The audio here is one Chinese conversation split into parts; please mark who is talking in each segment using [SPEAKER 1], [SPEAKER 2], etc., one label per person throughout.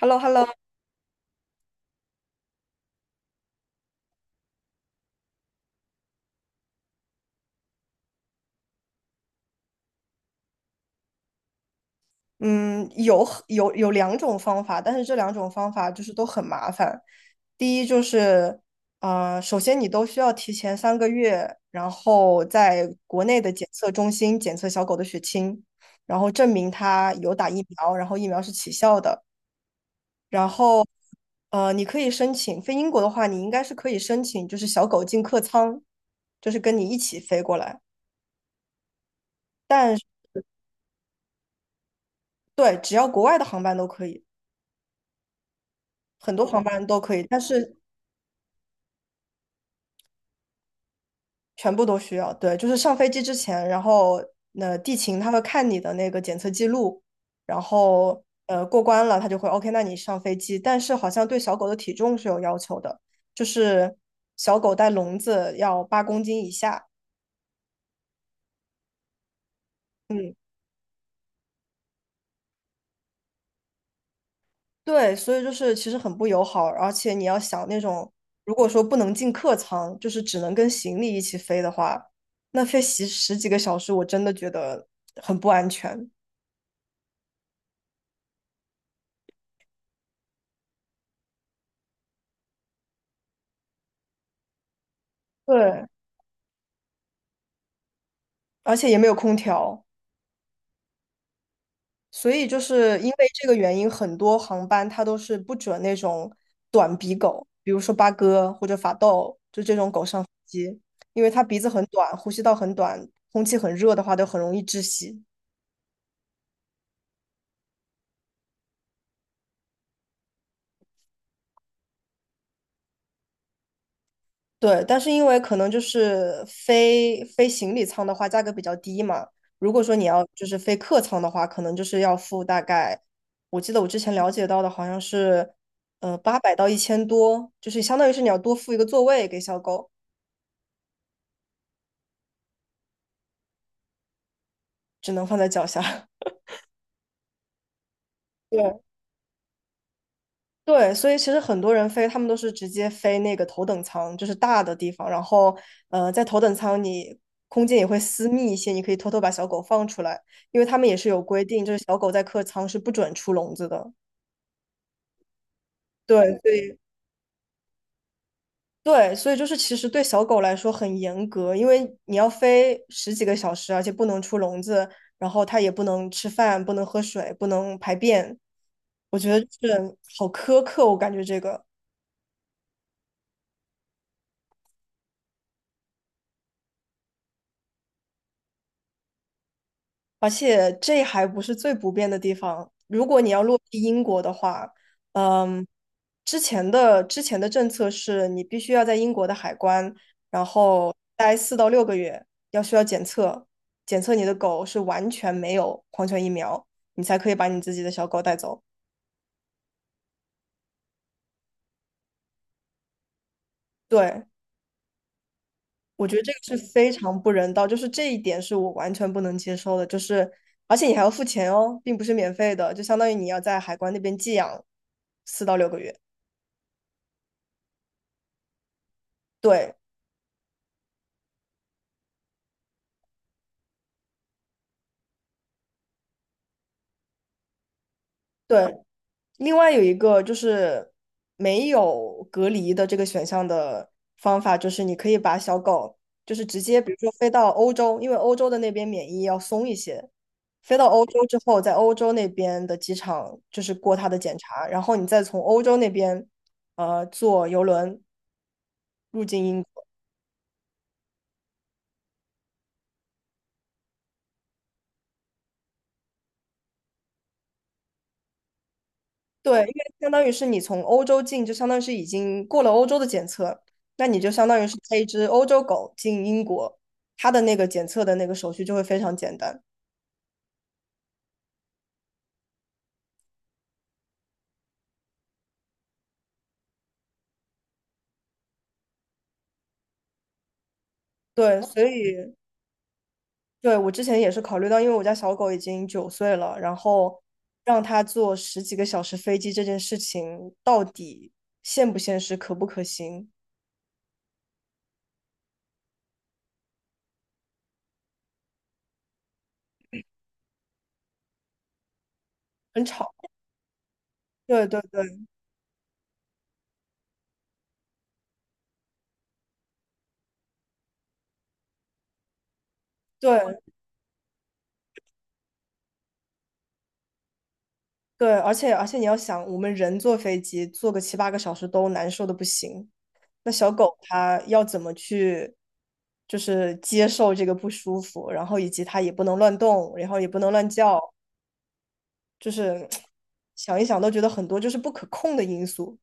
[SPEAKER 1] h e l l o h e l l o 嗯，有很有有两种方法，但是这两种方法就是都很麻烦。第一就是，首先你都需要提前3个月，然后在国内的检测中心检测小狗的血清，然后证明它有打疫苗，然后疫苗是起效的。然后，你可以申请，飞英国的话，你应该是可以申请，就是小狗进客舱，就是跟你一起飞过来。但对，只要国外的航班都可以，很多航班都可以，但是全部都需要。对，就是上飞机之前，然后那地勤他会看你的那个检测记录，然后过关了，他就会 OK，那你上飞机。但是好像对小狗的体重是有要求的，就是小狗带笼子要8公斤以下。嗯，对，所以就是其实很不友好，而且你要想那种如果说不能进客舱，就是只能跟行李一起飞的话，那飞十几个小时，我真的觉得很不安全。对，而且也没有空调。所以就是因为这个原因，很多航班它都是不准那种短鼻狗，比如说八哥或者法斗，就这种狗上飞机，因为它鼻子很短，呼吸道很短，空气很热的话，都很容易窒息。对，但是因为可能就是飞行李舱的话，价格比较低嘛。如果说你要就是飞客舱的话，可能就是要付大概，我记得我之前了解到的好像是，800到1000多，就是相当于是你要多付一个座位给小狗。只能放在脚下。对对，所以其实很多人飞，他们都是直接飞那个头等舱，就是大的地方。然后，在头等舱你空间也会私密一些，你可以偷偷把小狗放出来，因为他们也是有规定，就是小狗在客舱是不准出笼子的。对，对，所以就是其实对小狗来说很严格，因为你要飞十几个小时，而且不能出笼子，然后它也不能吃饭，不能喝水，不能排便。我觉得就是好苛刻，我感觉这个。而且这还不是最不便的地方。如果你要落地英国的话，嗯，之前的政策是你必须要在英国的海关，然后待四到六个月，要需要检测，检测你的狗是完全没有狂犬疫苗，你才可以把你自己的小狗带走。对，我觉得这个是非常不人道，就是这一点是我完全不能接受的，就是而且你还要付钱哦，并不是免费的，就相当于你要在海关那边寄养四到六个月。对，对，另外有一个就是没有隔离的这个选项的方法，就是你可以把小狗就是直接，比如说飞到欧洲，因为欧洲的那边免疫要松一些，飞到欧洲之后，在欧洲那边的机场就是过它的检查，然后你再从欧洲那边坐邮轮入境英国。对，因为相当于是你从欧洲进，就相当于是已经过了欧洲的检测，那你就相当于是带一只欧洲狗进英国，它的那个检测的那个手续就会非常简单。对，所以对我之前也是考虑到，因为我家小狗已经九岁了，然后让它坐十几个小时飞机这件事情到底现不现实，可不可行，很吵。对对对对对，而且你要想，我们人坐飞机坐个7、8个小时都难受的不行。那小狗它要怎么去，就是接受这个不舒服，然后以及它也不能乱动，然后也不能乱叫，就是想一想都觉得很多就是不可控的因素。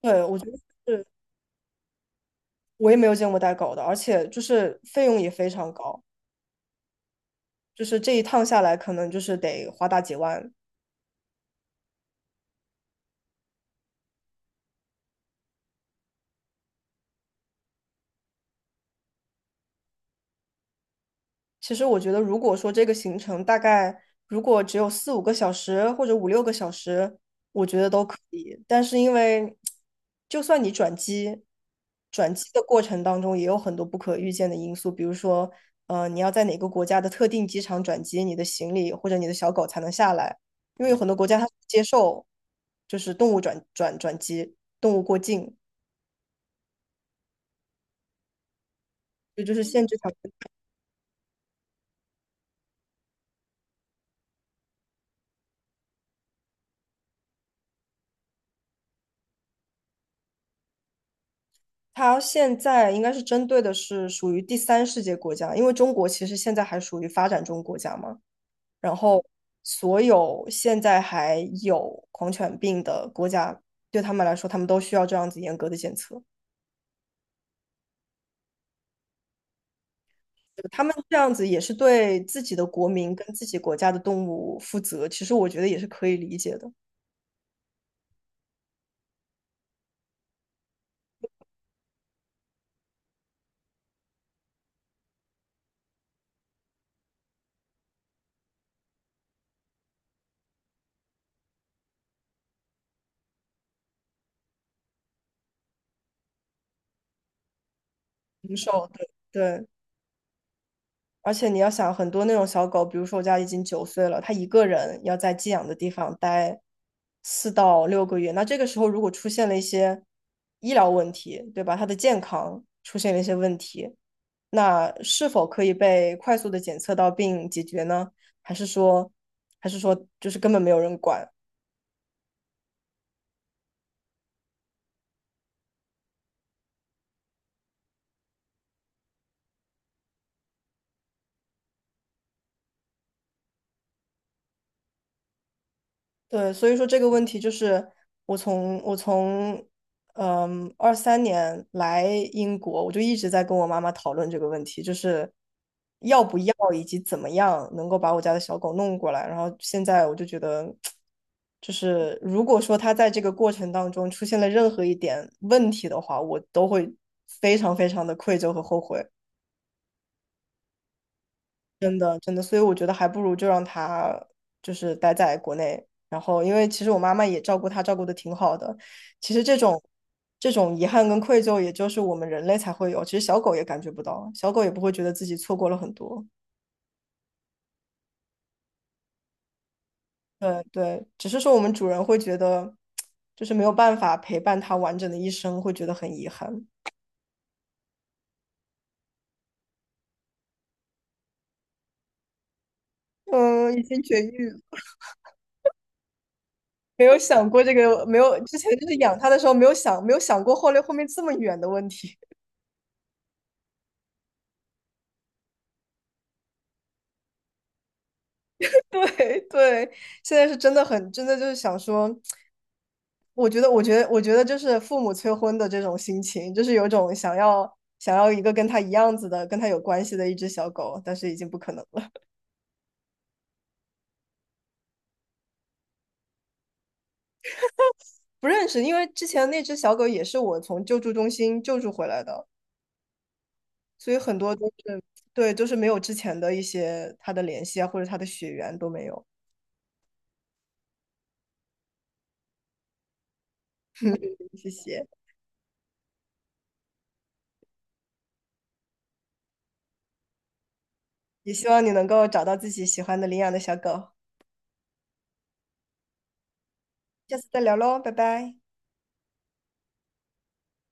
[SPEAKER 1] 对，我觉得是，我也没有见过带狗的，而且就是费用也非常高，就是这一趟下来可能就是得花大几万。其实我觉得，如果说这个行程大概如果只有4、5个小时或者5、6个小时，我觉得都可以。但是因为就算你转机，转机的过程当中也有很多不可预见的因素，比如说，你要在哪个国家的特定机场转机，你的行李或者你的小狗才能下来，因为有很多国家它不接受就是动物转机，动物过境，这就是限制条。它现在应该是针对的是属于第三世界国家，因为中国其实现在还属于发展中国家嘛。然后，所有现在还有狂犬病的国家，对他们来说，他们都需要这样子严格的检测。他们这样子也是对自己的国民跟自己国家的动物负责，其实我觉得也是可以理解的，零售，对对。而且你要想，很多那种小狗，比如说我家已经九岁了，它一个人要在寄养的地方待四到六个月，那这个时候如果出现了一些医疗问题，对吧？它的健康出现了一些问题，那是否可以被快速的检测到并解决呢？还是说，还是说就是根本没有人管？对，所以说这个问题就是我从嗯23年来英国，我就一直在跟我妈妈讨论这个问题，就是要不要以及怎么样能够把我家的小狗弄过来。然后现在我就觉得，就是如果说它在这个过程当中出现了任何一点问题的话，我都会非常非常的愧疚和后悔。真的真的，所以我觉得还不如就让他就是待在国内。然后，因为其实我妈妈也照顾他，照顾的挺好的。其实这种遗憾跟愧疚，也就是我们人类才会有，其实小狗也感觉不到，小狗也不会觉得自己错过了很多。对对，只是说我们主人会觉得，就是没有办法陪伴它完整的一生，会觉得很遗憾。嗯，已经绝育了。没有想过这个，没有之前就是养它的时候没有想过后来后面这么远的问题。对对，现在是真的很，真的就是想说，我觉得就是父母催婚的这种心情，就是有种想要一个跟他一样子的、跟他有关系的一只小狗，但是已经不可能了。不认识，因为之前那只小狗也是我从救助中心救助回来的，所以很多都是对，就是没有之前的一些它的联系啊，或者它的血缘都没有。谢谢，也希望你能够找到自己喜欢的领养的小狗，下次再聊喽，拜拜。